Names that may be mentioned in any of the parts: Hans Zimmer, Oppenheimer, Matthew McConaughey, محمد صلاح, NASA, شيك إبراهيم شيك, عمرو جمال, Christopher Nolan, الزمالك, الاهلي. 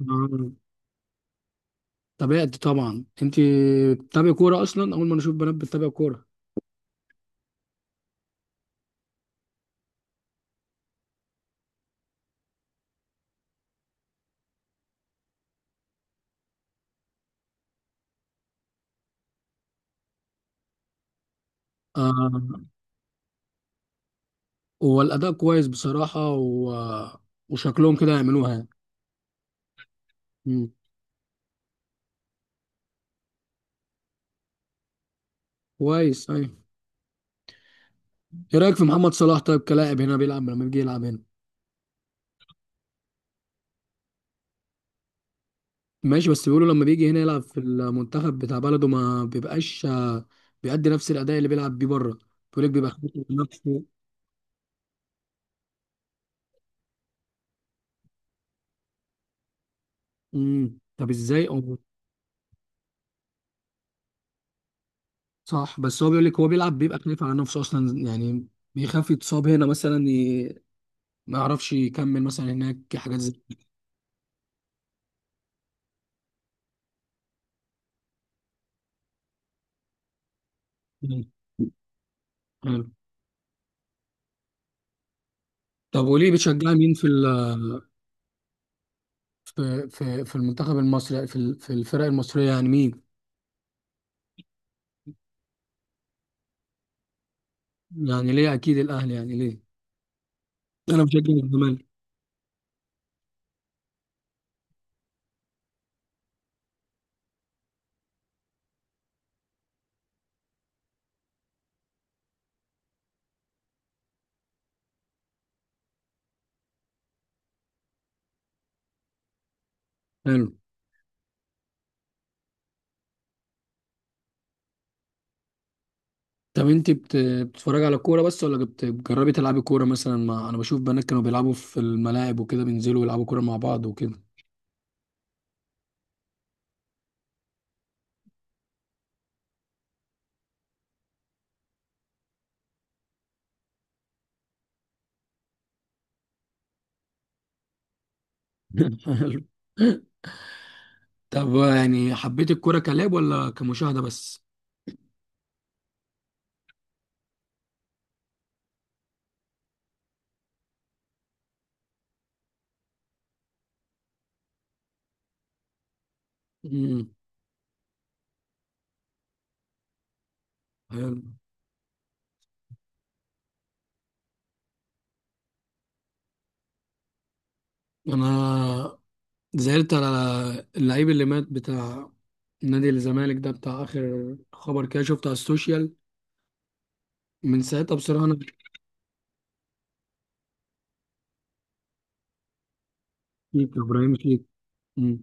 آه، تابعت طبعا. انت بتتابع كوره اصلا، اول ما نشوف بنات بتتابع كوره. آه، هو الاداء كويس بصراحه و... وشكلهم كده يعملوها يعني. مم. كويس، ايوه. ايه رايك في محمد صلاح طيب، كلاعب هنا بيلعب لما بيجي يلعب هنا؟ ماشي، بس بيقولوا لما بيجي هنا يلعب في المنتخب بتاع بلده ما بيبقاش، بيأدي نفس الاداء اللي بيلعب بيه بره. بيقول لك بيبقى خايف على نفسه. طب ازاي. صح، بس هو بيقول لك هو بيلعب بيبقى خايف على نفسه اصلا يعني. بيخاف يتصاب هنا مثلا، ما يعرفش يكمل مثلا. هناك حاجات زي كده. حلو. طب وليه بتشجع مين في المنتخب المصري، في الفرق المصرية يعني مين؟ يعني ليه؟ اكيد الاهلي يعني ليه؟ انا بشجع الزمالك. حلو. طب انت بتتفرج على كورة بس، ولا بتجربي تلعبي كورة مثلا؟ مع، انا بشوف بنات كانوا بيلعبوا في الملاعب وكده، بينزلوا يلعبوا كورة مع بعض وكده. حلو. طب يعني حبيت الكورة كلاعب ولا كمشاهدة بس؟ امم حلو. أنا زعلت على اللعيب اللي مات، بتاع نادي الزمالك ده، بتاع آخر خبر كده شفته على السوشيال. من ساعتها بصراحة أنا. شيك إبراهيم شيك. مم.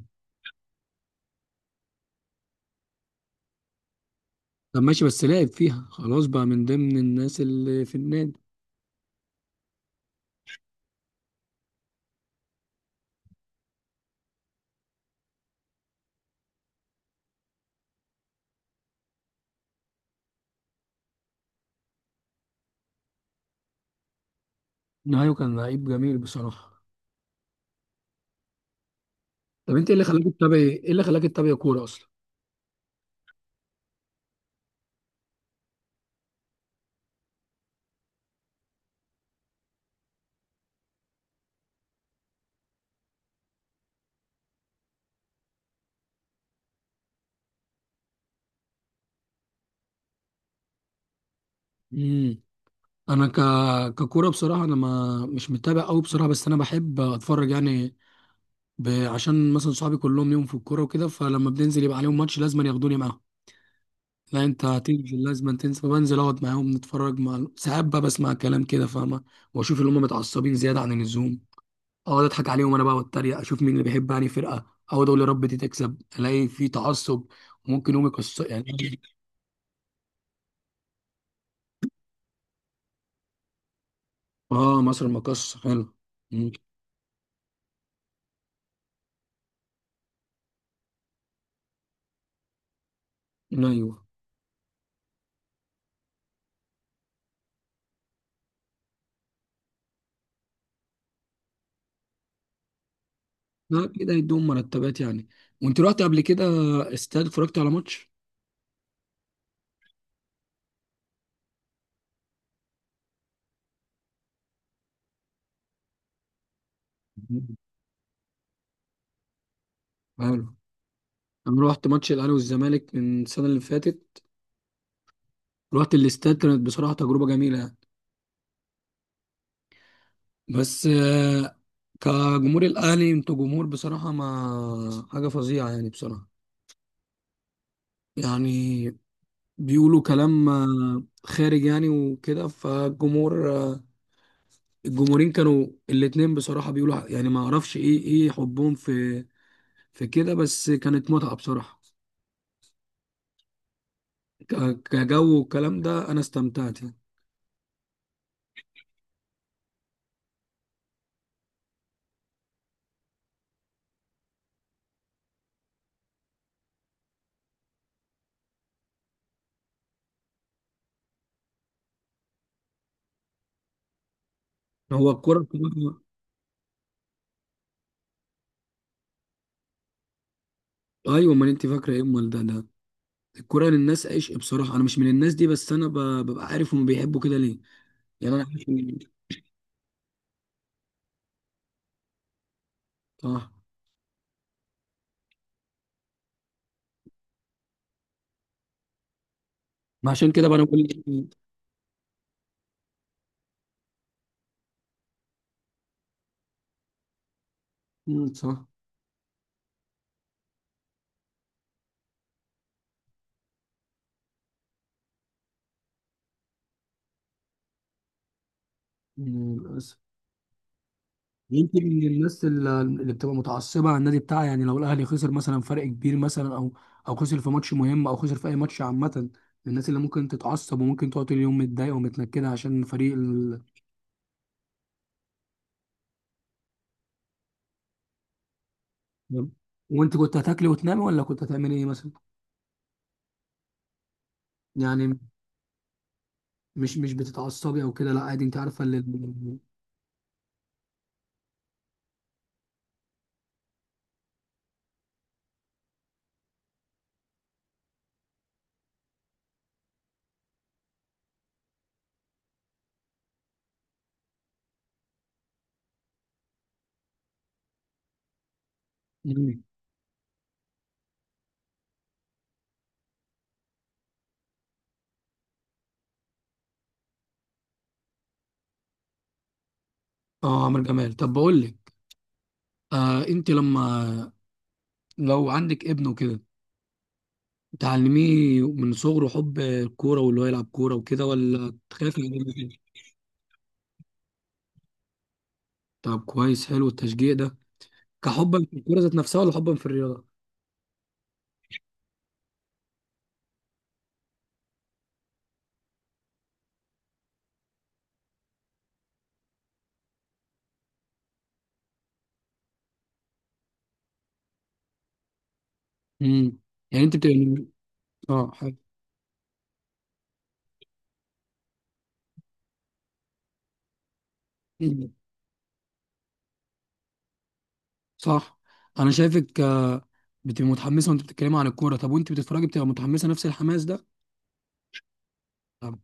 طب ماشي، بس لعب فيها خلاص بقى، من ضمن الناس اللي في النادي. نهاية، كان لعيب جميل بصراحة. طب أنت إيه اللي خلاك تتابع، إيه اللي خلاك تتابع كورة أصلا؟ مم. أنا ك... ككورة بصراحة، أنا ما مش متابع أوي بصراحة، بس أنا بحب أتفرج يعني. عشان مثلا صحابي كلهم ليهم في الكورة وكده، فلما بننزل يبقى عليهم ماتش لازم ياخدوني معاهم. لا انت هتيجي، لازم تنسى. بنزل اقعد معاهم نتفرج، مع ساعات بقى بسمع كلام كده فاهمه، واشوف اللي هم متعصبين زياده عن اللزوم. اقعد اضحك عليهم انا بقى واتريق، اشوف مين اللي بيحب يعني فرقه. اقعد اقول يا رب دي تكسب، الاقي في تعصب. وممكن يوم يكسر يعني. اه، مصر مقص حلو. مم. ايوه. لا، كده يدوم مرتبات يعني. وانت رحت قبل كده استاد، اتفرجت على ماتش؟ مم. حلو. انا رحت ماتش الاهلي والزمالك من السنه اللي فاتت، رحت الاستاد، كانت بصراحه تجربه جميله. بس كجمهور الاهلي انتوا جمهور بصراحه، ما حاجه فظيعه يعني بصراحه. يعني بيقولوا كلام خارج يعني وكده. فالجمهور، الجمهورين كانوا الاتنين بصراحه بيقولوا يعني، ما اعرفش ايه حبهم في كده. بس كانت متعه بصراحه، ك- كجو والكلام ده، انا استمتعت يعني. هو الكوره بصراحة. ايوه، ما انت فاكره ايه امال؟ ده الكوره للناس عشق بصراحه. انا مش من الناس دي، بس انا ببقى عارف هم بيحبوا كده ليه. يعني انا عارف إن. صح. ما عشان كده بقى انا بقول لك. مم، صح. مم، للاسف. يمكن من الناس اللي بتبقى متعصبه على النادي بتاعها يعني، لو الاهلي خسر مثلا فرق كبير مثلا، او او خسر في ماتش مهم، او خسر في اي ماتش عامه، من الناس اللي ممكن تتعصب وممكن تقعد طول اليوم متضايقه ومتنكده عشان فريق ال. وانت كنت هتاكلي وتنامي ولا كنت هتعملي ايه مثلا؟ يعني مش بتتعصبي او كده، لا عادي؟ انت عارفه اللي. اه، عمرو جمال، طب بقول لك. انت لما، لو عندك ابن وكده، تعلميه من صغره حب الكورة واللي هو يلعب كورة وكده، ولا تخاف من الجو ده؟ طب كويس، حلو التشجيع ده. كحبا في الكورة ذات نفسها، ولا حبا في الرياضة؟ امم يعني انت بتبقى، اه، حلو. مم، صح. انا شايفك بتبقى متحمسة وانت بتتكلمي عن الكورة. طب وانت بتتفرجي بتبقى متحمسة نفس الحماس ده؟ طب.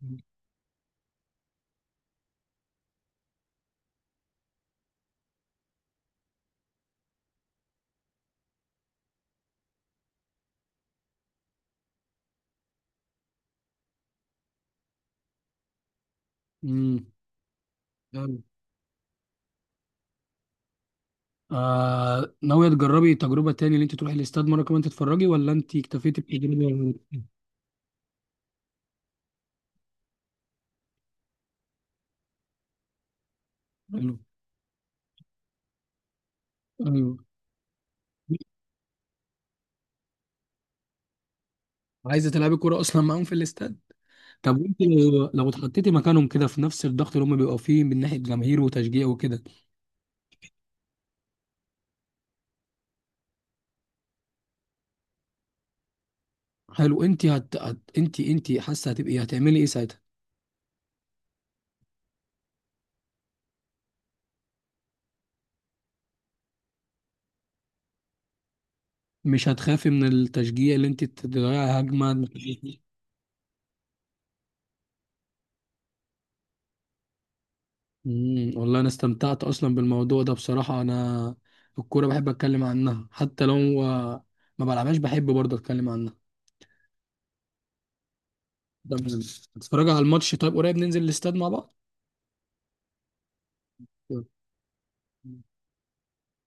امم حلو. ناوية تجربي تجربة تاني، اللي انت تروحي الاستاد مرة كمان تتفرجي، ولا انت اكتفيتي بالتجربة؟ حلو. ايوه. عايزة تلعبي كورة اصلا معاهم في الاستاد؟ طب وانت لو اتحطيتي مكانهم كده في نفس الضغط اللي هم بيبقوا فيه من ناحيه جماهير وتشجيع وكده؟ حلو. انت هت... هت... انت انت حاسه هتبقي هتعملي ايه ساعتها؟ مش هتخافي من التشجيع اللي انت تضيعي هجمه؟ والله انا استمتعت اصلا بالموضوع ده بصراحه. انا الكوره بحب اتكلم عنها، حتى لو ما بلعبهاش، بحب برضه اتكلم عنها. هتتفرجي على الماتش طيب؟ قريب ننزل الاستاد مع بعض.